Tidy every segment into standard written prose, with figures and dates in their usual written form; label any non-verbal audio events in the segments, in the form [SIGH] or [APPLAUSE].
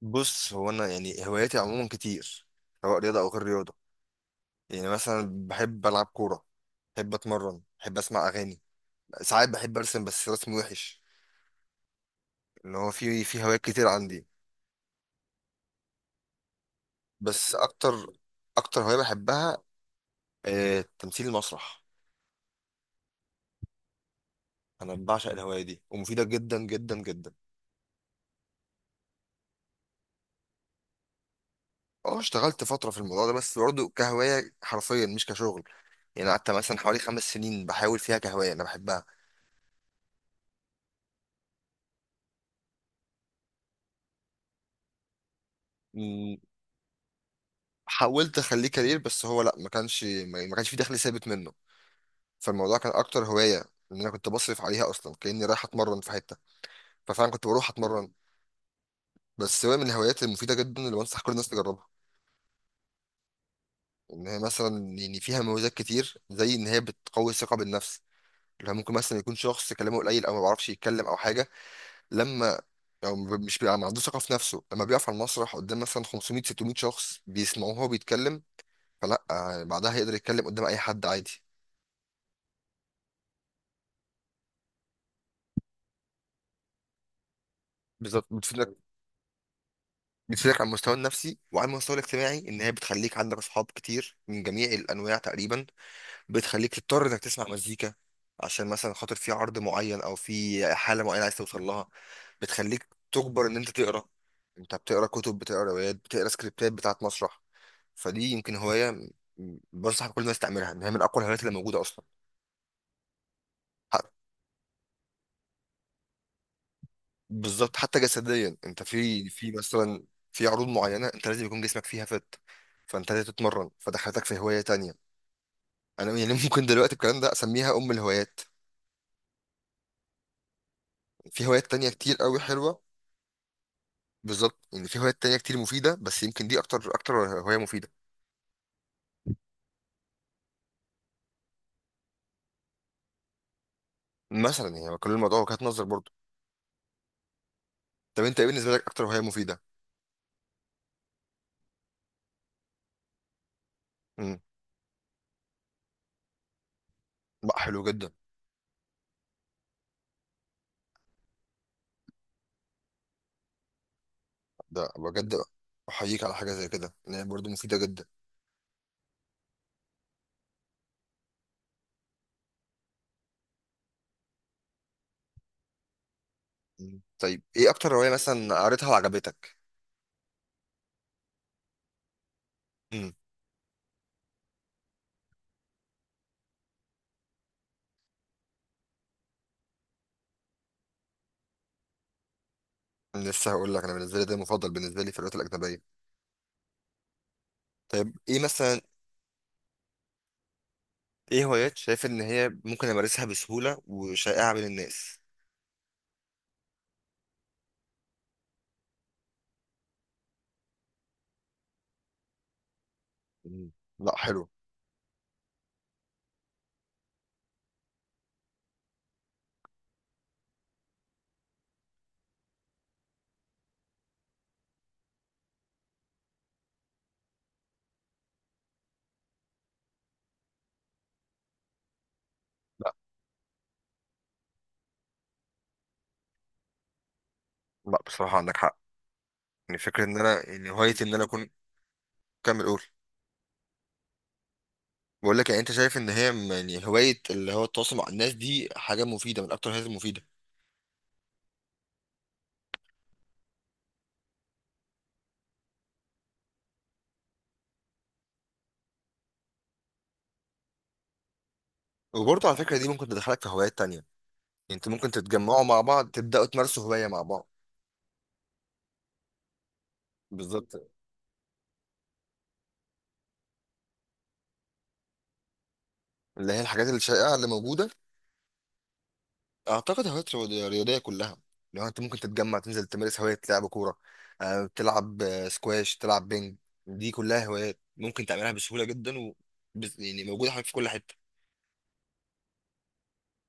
بص، هو انا يعني هواياتي عموما كتير، سواء رياضه او غير رياضه. يعني مثلا بحب العب كوره، بحب اتمرن، بحب اسمع اغاني، ساعات بحب ارسم بس رسم وحش. اللي هو في هوايات كتير عندي. بس اكتر هوايه بحبها، آه، تمثيل المسرح. انا بعشق الهوايه دي، ومفيده جدا جدا جدا. اه، اشتغلت فتره في الموضوع ده بس برضه كهوايه حرفيا، مش كشغل. يعني قعدت مثلا حوالي 5 سنين بحاول فيها كهوايه انا بحبها. حاولت اخليه كارير، بس هو لا، ما كانش في دخل ثابت منه. فالموضوع كان اكتر هوايه، ان انا كنت بصرف عليها اصلا كاني رايح اتمرن في حته، ففعلا كنت بروح اتمرن. بس هو من الهوايات المفيده جدا اللي بنصح كل الناس تجربها. ان هي مثلا يعني فيها مميزات كتير، زي ان هي بتقوي الثقه بالنفس. اللي هو ممكن مثلا يكون شخص كلامه قليل، او ما بيعرفش يتكلم، او حاجه، لما، او مش بيبقى ما عندوش ثقه في نفسه، لما بيقف على المسرح قدام مثلا 500 600 شخص بيسمعوه وهو بيتكلم، فلا، آه، بعدها يقدر يتكلم قدام اي حد عادي. بالظبط، بتفيد. بتفيدك على المستوى النفسي وعلى المستوى الاجتماعي، ان هي بتخليك عندك اصحاب كتير من جميع الانواع تقريبا. بتخليك تضطر انك تسمع مزيكا، عشان مثلا خاطر في عرض معين او في حاله معينه عايز توصل لها. بتخليك تجبر ان انت تقرا، انت بتقرا كتب، بتقرا روايات، بتقرا سكريبتات بتاعت مسرح. فدي يمكن هوايه، بنصح كل الناس تعملها، ان هي من اقوى الهوايات اللي موجوده اصلا. ح- بالظبط، حتى جسديا انت في مثلا في عروض معينه انت لازم يكون جسمك فيها فانت لازم تتمرن، فدخلتك في هوايه تانية. انا يعني [LAUGHS] ممكن دلوقتي الكلام ده اسميها ام الهوايات. في هوايات تانية كتير قوي حلوه. بالظبط، يعني في هوايات تانية كتير مفيده، بس يمكن دي اكتر هوايه مفيده. مثلا يعني كل الموضوع وجهات نظر برضه. طب انت ايه بالنسبه لك اكتر هوايه مفيده؟ امم. بقى حلو جدا. ده بجد، احييك على حاجه زي كده، ان هي برضه مفيده جدا. مم. طيب، ايه اكتر هوايه مثلا قريتها وعجبتك؟ امم. لسه هقول لك، انا بالنسبه لي ده المفضل بالنسبه لي في الهوايات الاجنبيه. طيب ايه مثلا؟ ايه هوايات شايف ان هي ممكن امارسها بسهوله وشائعه بين الناس؟ مم. لا، حلو. لا، لا، بصراحة عندك حق. يعني فكرة ان انا يعني هوايتي ان انا اكون... كمل قول. بقول لك، يعني انت شايف ان هي يعني هواية اللي هو التواصل مع الناس، دي حاجة مفيدة من اكتر الحاجات المفيدة. وبرضه على فكرة دي ممكن تدخلك في هوايات تانية، يعني انتوا ممكن تتجمعوا مع بعض تبدأوا تمارسوا هواية مع بعض. بالظبط، اللي هي الحاجات الشائعة اللي موجودة. اعتقد هوايات رياضية كلها، لو انت ممكن تتجمع تنزل تمارس هواية لعب كورة، آه، تلعب آه، سكواش، تلعب بينج. دي كلها هوايات ممكن تعملها بسهولة جدا، و يعني موجودة حواليك في كل حتة.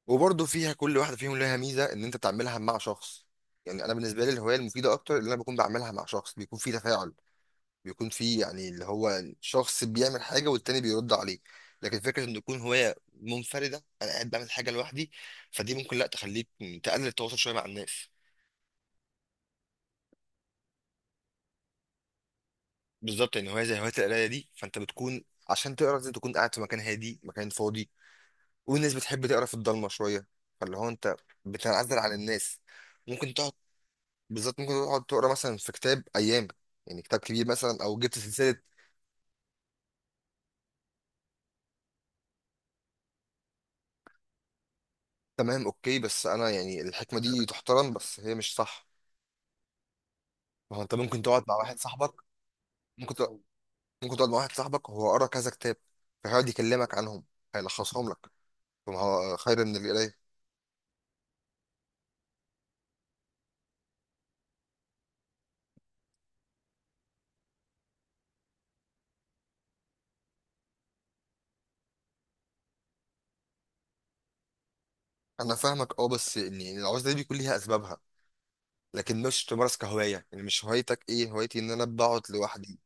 وبرضه فيها كل واحده فيهم لها ميزه ان انت تعملها مع شخص. يعني انا بالنسبه لي الهوايه المفيده اكتر اللي انا بكون بعملها مع شخص، بيكون في تفاعل، بيكون في يعني اللي هو شخص بيعمل حاجه والتاني بيرد عليه. لكن فكره ان تكون هوايه منفرده، انا قاعد بعمل حاجه لوحدي، فدي ممكن لا تخليك تقلل التواصل شويه مع الناس. بالظبط، يعني هوايه زي هوايه القرايه دي، فانت بتكون، عشان تقرا لازم تكون قاعد في مكان هادي، مكان فاضي، والناس بتحب تقرا في الضلمه شويه، فاللي هو انت بتنعزل عن الناس. ممكن تقعد. بالظبط، ممكن تقعد تقرا مثلا في كتاب ايام، يعني كتاب كبير مثلا، او جبت سلسله. تمام، اوكي، بس انا يعني الحكمه دي تحترم، بس هي مش صح. ما هو انت ممكن تقعد مع واحد صاحبك. ممكن تق... ممكن تقعد مع واحد صاحبك وهو قرا كذا كتاب، فهيقعد يكلمك عنهم، هيلخصهم لك، فما هو خير من القرايه. انا فاهمك، اه، بس ان يعني العزله دي بيكون ليها اسبابها، لكن مش تمارس كهوايه. يعني مش هوايتك ايه؟ هوايتي ان انا بقعد لوحدي.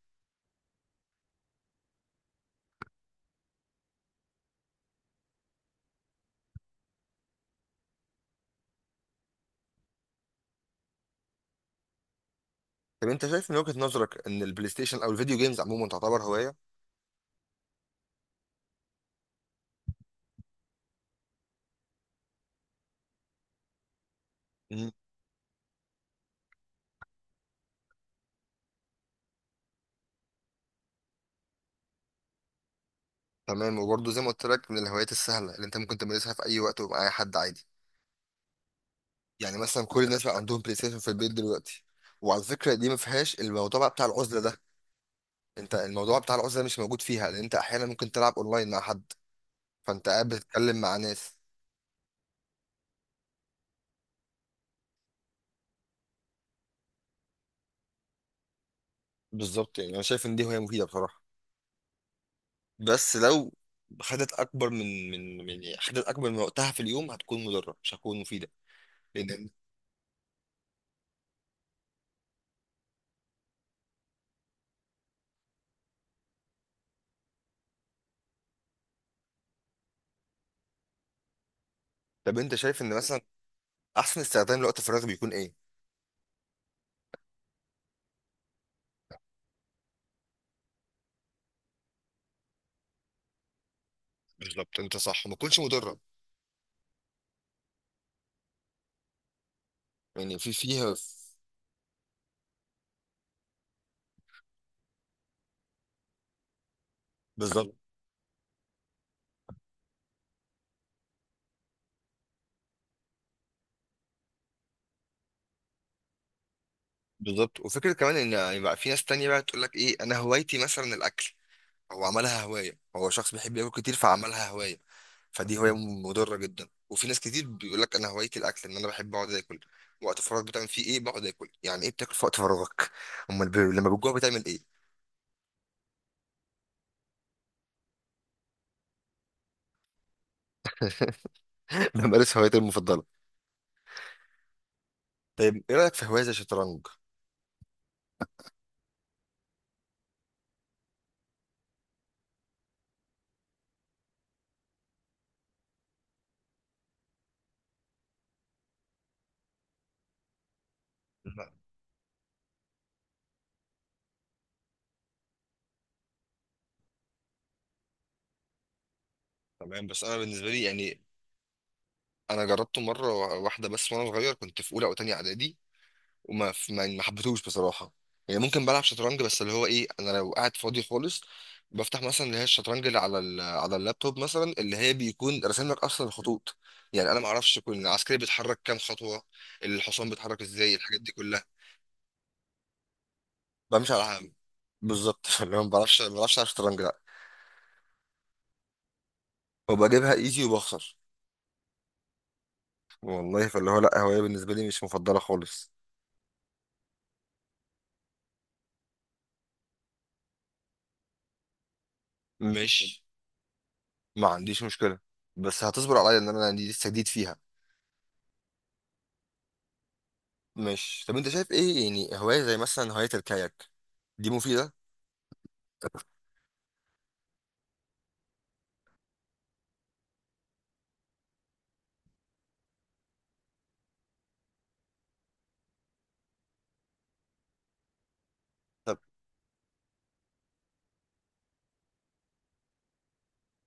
طب انت شايف من وجهه نظرك ان البلاي ستيشن او الفيديو جيمز عموما تعتبر هوايه؟ تمام، وبرضه زي ما قلت لك، من الهوايات السهله اللي انت ممكن تمارسها في اي وقت ومع اي حد عادي. يعني مثلا كل الناس بقى عندهم بلاي ستيشن في البيت دلوقتي. وعلى فكره دي ما فيهاش الموضوع بقى بتاع العزله ده. انت الموضوع بتاع العزله مش موجود فيها، لان انت احيانا ممكن تلعب اونلاين مع حد، فانت قاعد بتتكلم مع ناس. بالظبط، يعني انا شايف ان دي هوايه مفيده بصراحه. بس لو خدت اكبر من يعني خدت اكبر من وقتها في اليوم، هتكون مضره مش هتكون مفيده. لان... طب انت شايف ان مثلا احسن استخدام لوقت الفراغ بيكون ايه؟ بالظبط، انت صح، ما تكونش مضره. يعني في فيها. بالظبط. بالظبط، وفكرة كمان ان يعني بقى في ناس تانية بقى تقول لك ايه؟ انا هوايتي مثلا الاكل. هو عملها هواية، هو شخص بيحب ياكل كتير فعملها هواية. فدي هواية مضرة جدا. وفي ناس كتير بيقول لك انا هوايتي الاكل، ان انا بحب اقعد اكل. وقت فراغ بتعمل فيه ايه؟ بقعد اكل. يعني ايه بتاكل في وقت فراغك؟ امال لما بتجوع بتعمل ايه؟ [LAUGHS] انا مارس هوايتي المفضلة. طيب ايه رأيك في هواية زي الشطرنج؟ لا، تمام، بس انا بالنسبة لي يعني انا جربته مرة واحدة بس وانا صغير، كنت في اولى او تانية اعدادي، وما ف- ما ما حبيتهوش بصراحه. يعني ممكن بلعب شطرنج بس اللي هو ايه؟ انا لو قاعد فاضي خالص، بفتح مثلا اللي هي الشطرنج اللي على اللابتوب مثلا، اللي هي بيكون راسم لك اصلا الخطوط. يعني انا ما اعرفش كل عسكري بيتحرك كام خطوه، الحصان بيتحرك ازاي، الحاجات دي كلها. بمشي على... بالظبط [LAUGHS] اللي هو ما بعرفش العب شطرنج لا، وبجيبها ايزي وبخسر. والله، فاللي هو لا، هوايه بالنسبه لي مش مفضله خالص. مش ما عنديش مشكله، بس هتصبر عليا ان انا دي لسه جديد فيها. مش طب انت شايف ايه يعني هواية زي مثلا هواية الكاياك دي مفيدة؟ طب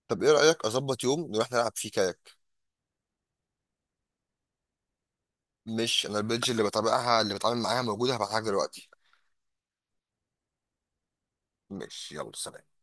ايه رأيك اظبط يوم نروح نلعب فيه كاياك؟ مش انا البيدج اللي بتابعها اللي بتعامل معاها موجودة، هبعتها لك دلوقتي. مش يلا، سلام.